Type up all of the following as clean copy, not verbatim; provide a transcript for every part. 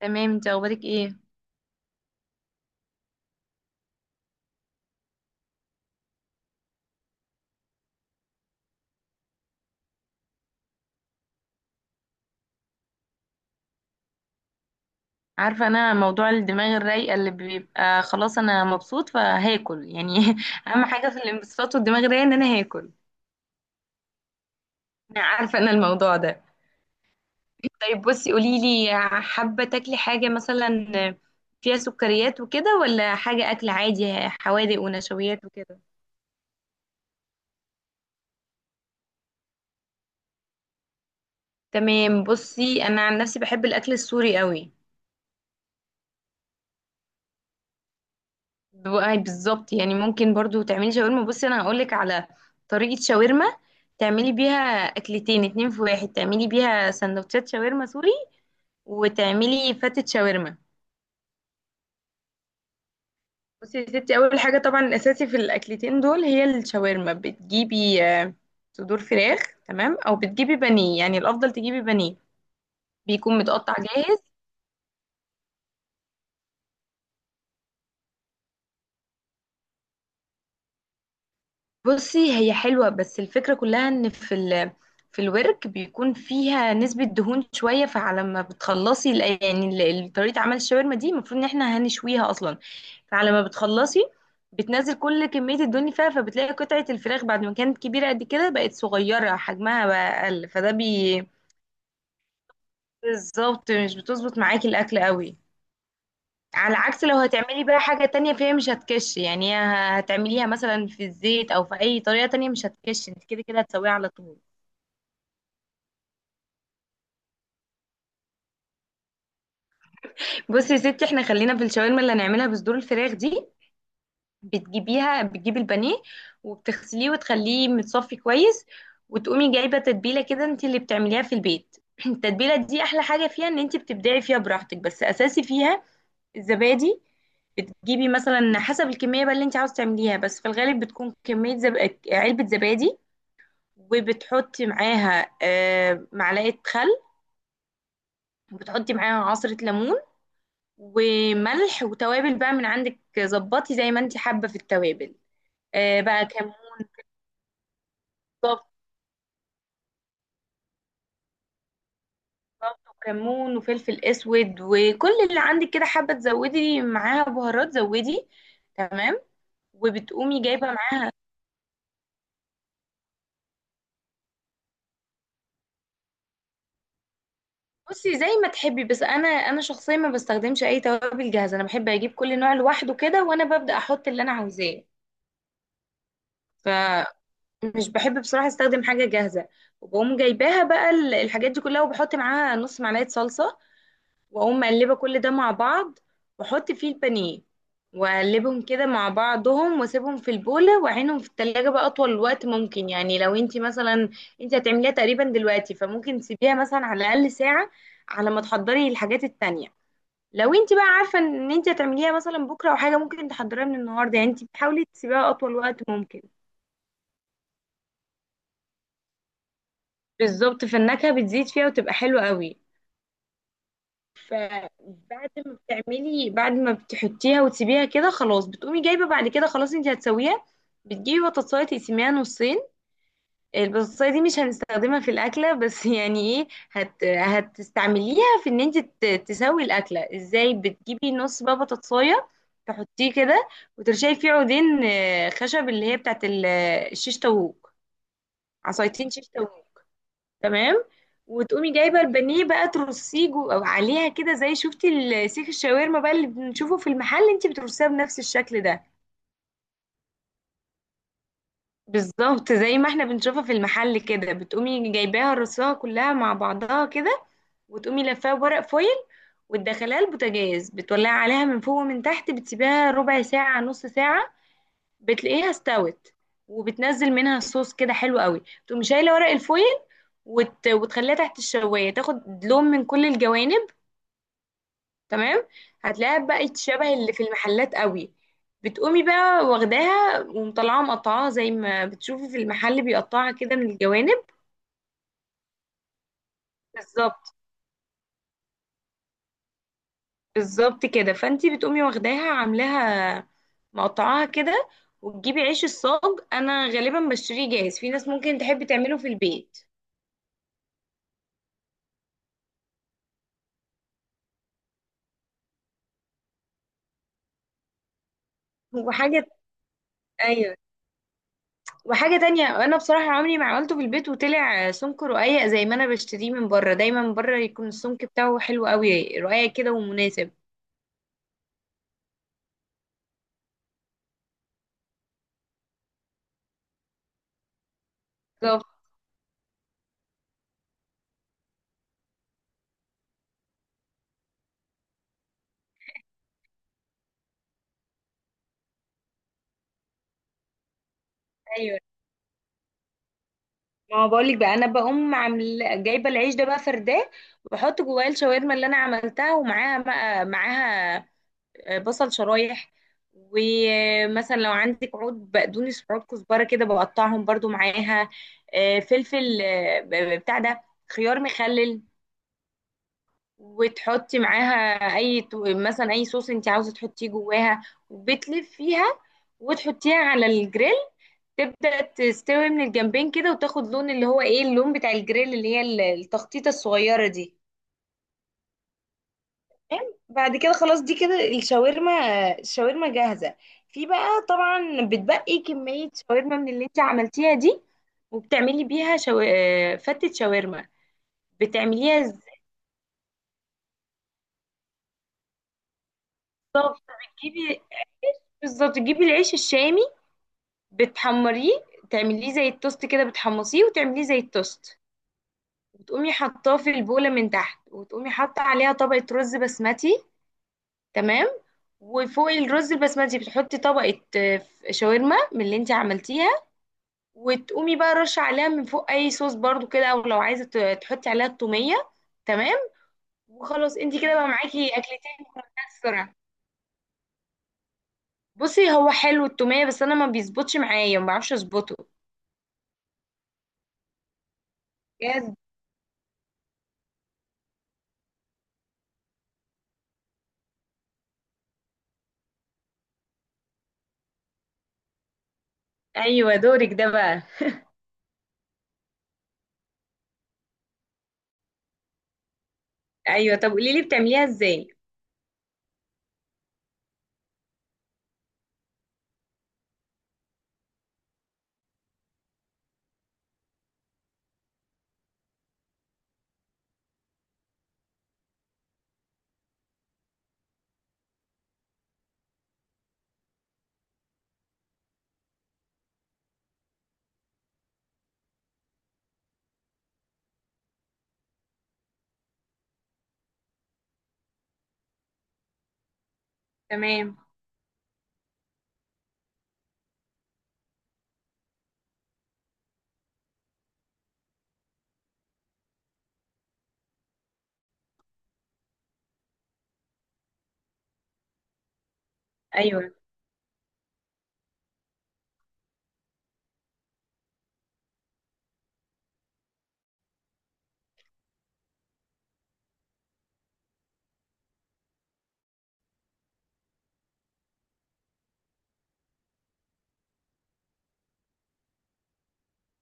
تمام، انت اخبارك ايه؟ عارفه انا موضوع الدماغ الرايقه اللي بيبقى خلاص انا مبسوط فهاكل يعني. اهم حاجه في الانبساط والدماغ الرايقه ان انا هاكل. انا عارفه انا الموضوع ده. طيب بصي قولي لي، حابه تاكلي حاجه مثلا فيها سكريات وكده ولا حاجه اكل عادي، حوادق ونشويات وكده؟ تمام، بصي انا عن نفسي بحب الاكل السوري قوي. بقى بالظبط يعني، ممكن برضو تعملي شاورما. بصي انا هقولك على طريقة شاورما تعملي بيها اكلتين اتنين في واحد، تعملي بيها سندوتشات شاورما سوري وتعملي فتة شاورما. بصي يا ستي، اول حاجة طبعا الاساسي في الاكلتين دول هي الشاورما. بتجيبي صدور فراخ. تمام، او بتجيبي بانيه. يعني الافضل تجيبي بانيه بيكون متقطع جاهز. بصي هي حلوة، بس الفكرة كلها ان في الورك بيكون فيها نسبة دهون شوية، فعلى ما بتخلصي طريقة عمل الشاورما دي المفروض ان احنا هنشويها اصلا. فعلى ما بتخلصي بتنزل كل كمية الدهون اللي فيها، فبتلاقي قطعة الفراخ بعد ما كانت كبيرة قد كده بقت صغيرة، حجمها بقى اقل، فده بي. بالظبط، مش بتظبط معاكي الاكل قوي. على عكس لو هتعملي بقى حاجة تانية فيها مش هتكش يعني، هتعمليها مثلا في الزيت او في اي طريقة تانية مش هتكش، انت كده كده هتسويها على طول. بصي يا ستي، احنا خلينا في الشاورما اللي هنعملها بصدور الفراخ دي. بتجيبيها، بتجيبي البانيه وبتغسليه وتخليه متصفي كويس، وتقومي جايبة تتبيلة كده انت اللي بتعمليها في البيت. التتبيلة دي احلى حاجة فيها ان انت بتبدعي فيها براحتك، بس اساسي فيها الزبادي. بتجيبي مثلا حسب الكمية بقى اللي انت عاوز تعمليها، بس في الغالب بتكون كمية علبة زبادي، وبتحطي معاها معلقة خل، وبتحطي معاها عصرة ليمون وملح وتوابل بقى من عندك، ظبطي زي ما انت حابة في التوابل. بقى كمون، ضبط، وكمون وفلفل اسود وكل اللي عندك كده، حابة تزودي معاها بهارات زودي. تمام. وبتقومي جايبة معاها، بصي زي ما تحبي، بس انا شخصيا ما بستخدمش اي توابل جاهزة، انا بحب اجيب كل نوع لوحده كده وانا ببدأ احط اللي انا عاوزاه. ف مش بحب بصراحة استخدم حاجة جاهزة. وبقوم جايباها بقى الحاجات دي كلها، وبحط معاها نص معلقة صلصة، واقوم مقلبة كل ده مع بعض، واحط فيه البانيه واقلبهم كده مع بعضهم، واسيبهم في البولة واعينهم في التلاجة بقى اطول وقت ممكن. يعني لو انتي مثلا انتي هتعمليها تقريبا دلوقتي، فممكن تسيبيها مثلا على الاقل ساعة على ما تحضري الحاجات التانية. لو انتي بقى عارفة ان انتي هتعمليها مثلا بكرة او حاجة ممكن تحضريها من النهاردة، يعني انتي بتحاولي تسيبيها اطول وقت ممكن. بالظبط، فالنكهة بتزيد فيها وتبقى حلوة قوي. فبعد ما بتعملي بعد ما بتحطيها وتسيبيها كده خلاص، بتقومي جايبة بعد كده خلاص انت هتسويها. بتجيبي بطاطساية تقسميها نصين. البطاطساية دي مش هنستخدمها في الأكلة، بس يعني ايه، هتستعمليها في ان انت تسوي الأكلة ازاي. بتجيبي نص بقى بطاطساية تحطيه كده، وترشي فيه عودين خشب اللي هي بتاعت الشيش طاووق، عصايتين شيش طاووق. تمام. وتقومي جايبه البانيه بقى ترصيه او عليها كده، زي شفتي سيخ الشاورما بقى اللي بنشوفه في المحل، انت بترصيها بنفس الشكل ده. بالظبط زي ما احنا بنشوفها في المحل كده، بتقومي جايباها رصاها كلها مع بعضها كده، وتقومي لفاها بورق فويل، وتدخليها البوتاجاز، بتولعي عليها من فوق ومن تحت، بتسيبيها ربع ساعة نص ساعة، بتلاقيها استوت وبتنزل منها الصوص كده حلو قوي، تقومي شايلة ورق الفويل وتخليها تحت الشواية تاخد لون من كل الجوانب. تمام، هتلاقيها بقت شبه اللي في المحلات قوي. بتقومي بقى واخداها ومطلعاها مقطعاها زي ما بتشوفي في المحل بيقطعها كده من الجوانب. بالظبط، بالظبط كده، فانتي بتقومي واخداها عاملاها مقطعاها كده، وتجيبي عيش الصاج. انا غالبا بشتريه جاهز، في ناس ممكن تحب تعمله في البيت. وحاجة، ايوه، وحاجة تانية، انا بصراحة عمري ما عملته في البيت وطلع سمك رقيق زي ما انا بشتريه من بره، دايما من بره يكون السمك بتاعه حلو قوي رقيق كده ومناسب. ايوه. ما هو بقول لك بقى، انا بقوم عامل جايبه العيش ده بقى فرداه، واحط جواه الشاورما اللي انا عملتها، ومعاها بقى، معاها بصل شرايح، ومثلا لو عندك عود بقدونس وعود كزبره كده بقطعهم برضو معاها، فلفل، بتاع ده، خيار مخلل، وتحطي معاها اي مثلا اي صوص انت عاوزه تحطيه جواها، وبتلفيها وتحطيها على الجريل، تبدأ تستوي من الجنبين كده وتاخد لون اللي هو ايه، اللون بتاع الجريل اللي هي التخطيطة الصغيرة دي. تمام؟ بعد كده خلاص، دي كده الشاورما، الشاورما جاهزة. في بقى طبعا بتبقي كمية شاورما من اللي انت عملتيها دي، وبتعملي بيها شو... آه، فتة شاورما. بتعمليها ازاي؟ بالظبط بتجيبي بالظبط تجيبي العيش الشامي، بتحمريه تعمليه زي التوست كده، بتحمصيه وتعمليه زي التوست، وتقومي حطاه في البولة من تحت، وتقومي حاطة عليها طبقة رز بسمتي. تمام. وفوق الرز البسمتي بتحطي طبقة شاورما من اللي انت عملتيها، وتقومي بقى رش عليها من فوق اي صوص برضو كده، او لو عايزة تحطي عليها التومية. تمام. وخلاص انت كده بقى معاكي اكلتين مكرونات السرعة. بصي هو حلو التومية، بس انا ما بيظبطش معايا، ما بعرفش اظبطه. بجد. ايوه، دورك ده بقى. ايوه طب قولي لي بتعمليها ازاي. تمام. ايوه.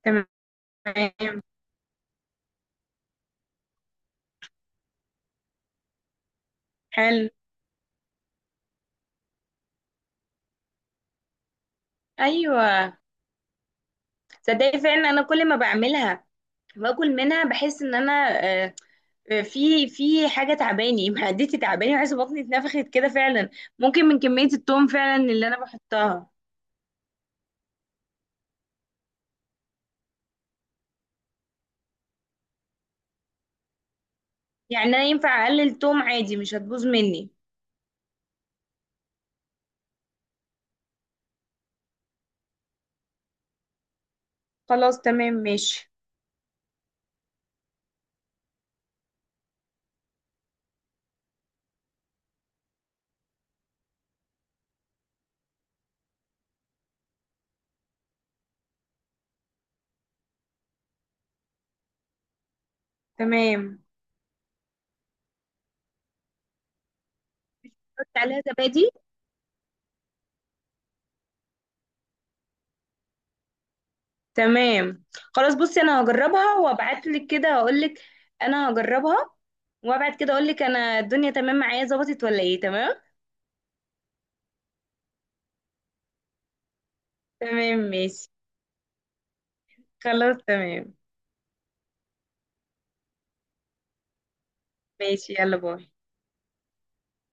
تمام. حلو. ايوه. تصدقي فعلا انا كل ما بعملها باكل منها، بحس ان انا آه، في حاجه تعباني معدتي تعباني، وحاسه بطني اتنفخت كده فعلا. ممكن من كميه التوم فعلا اللي انا بحطها. يعني انا ينفع اقلل توم عادي، مش هتبوظ مني؟ خلاص تمام ماشي. تمام، حط عليها زبادي. تمام، خلاص. بصي انا هجربها وابعت لك كده هقول لك. انا هجربها وابعت كده اقول لك انا الدنيا تمام معايا، ظبطت ولا ايه. تمام. تمام ماشي. خلاص تمام. ماشي، يلا باي.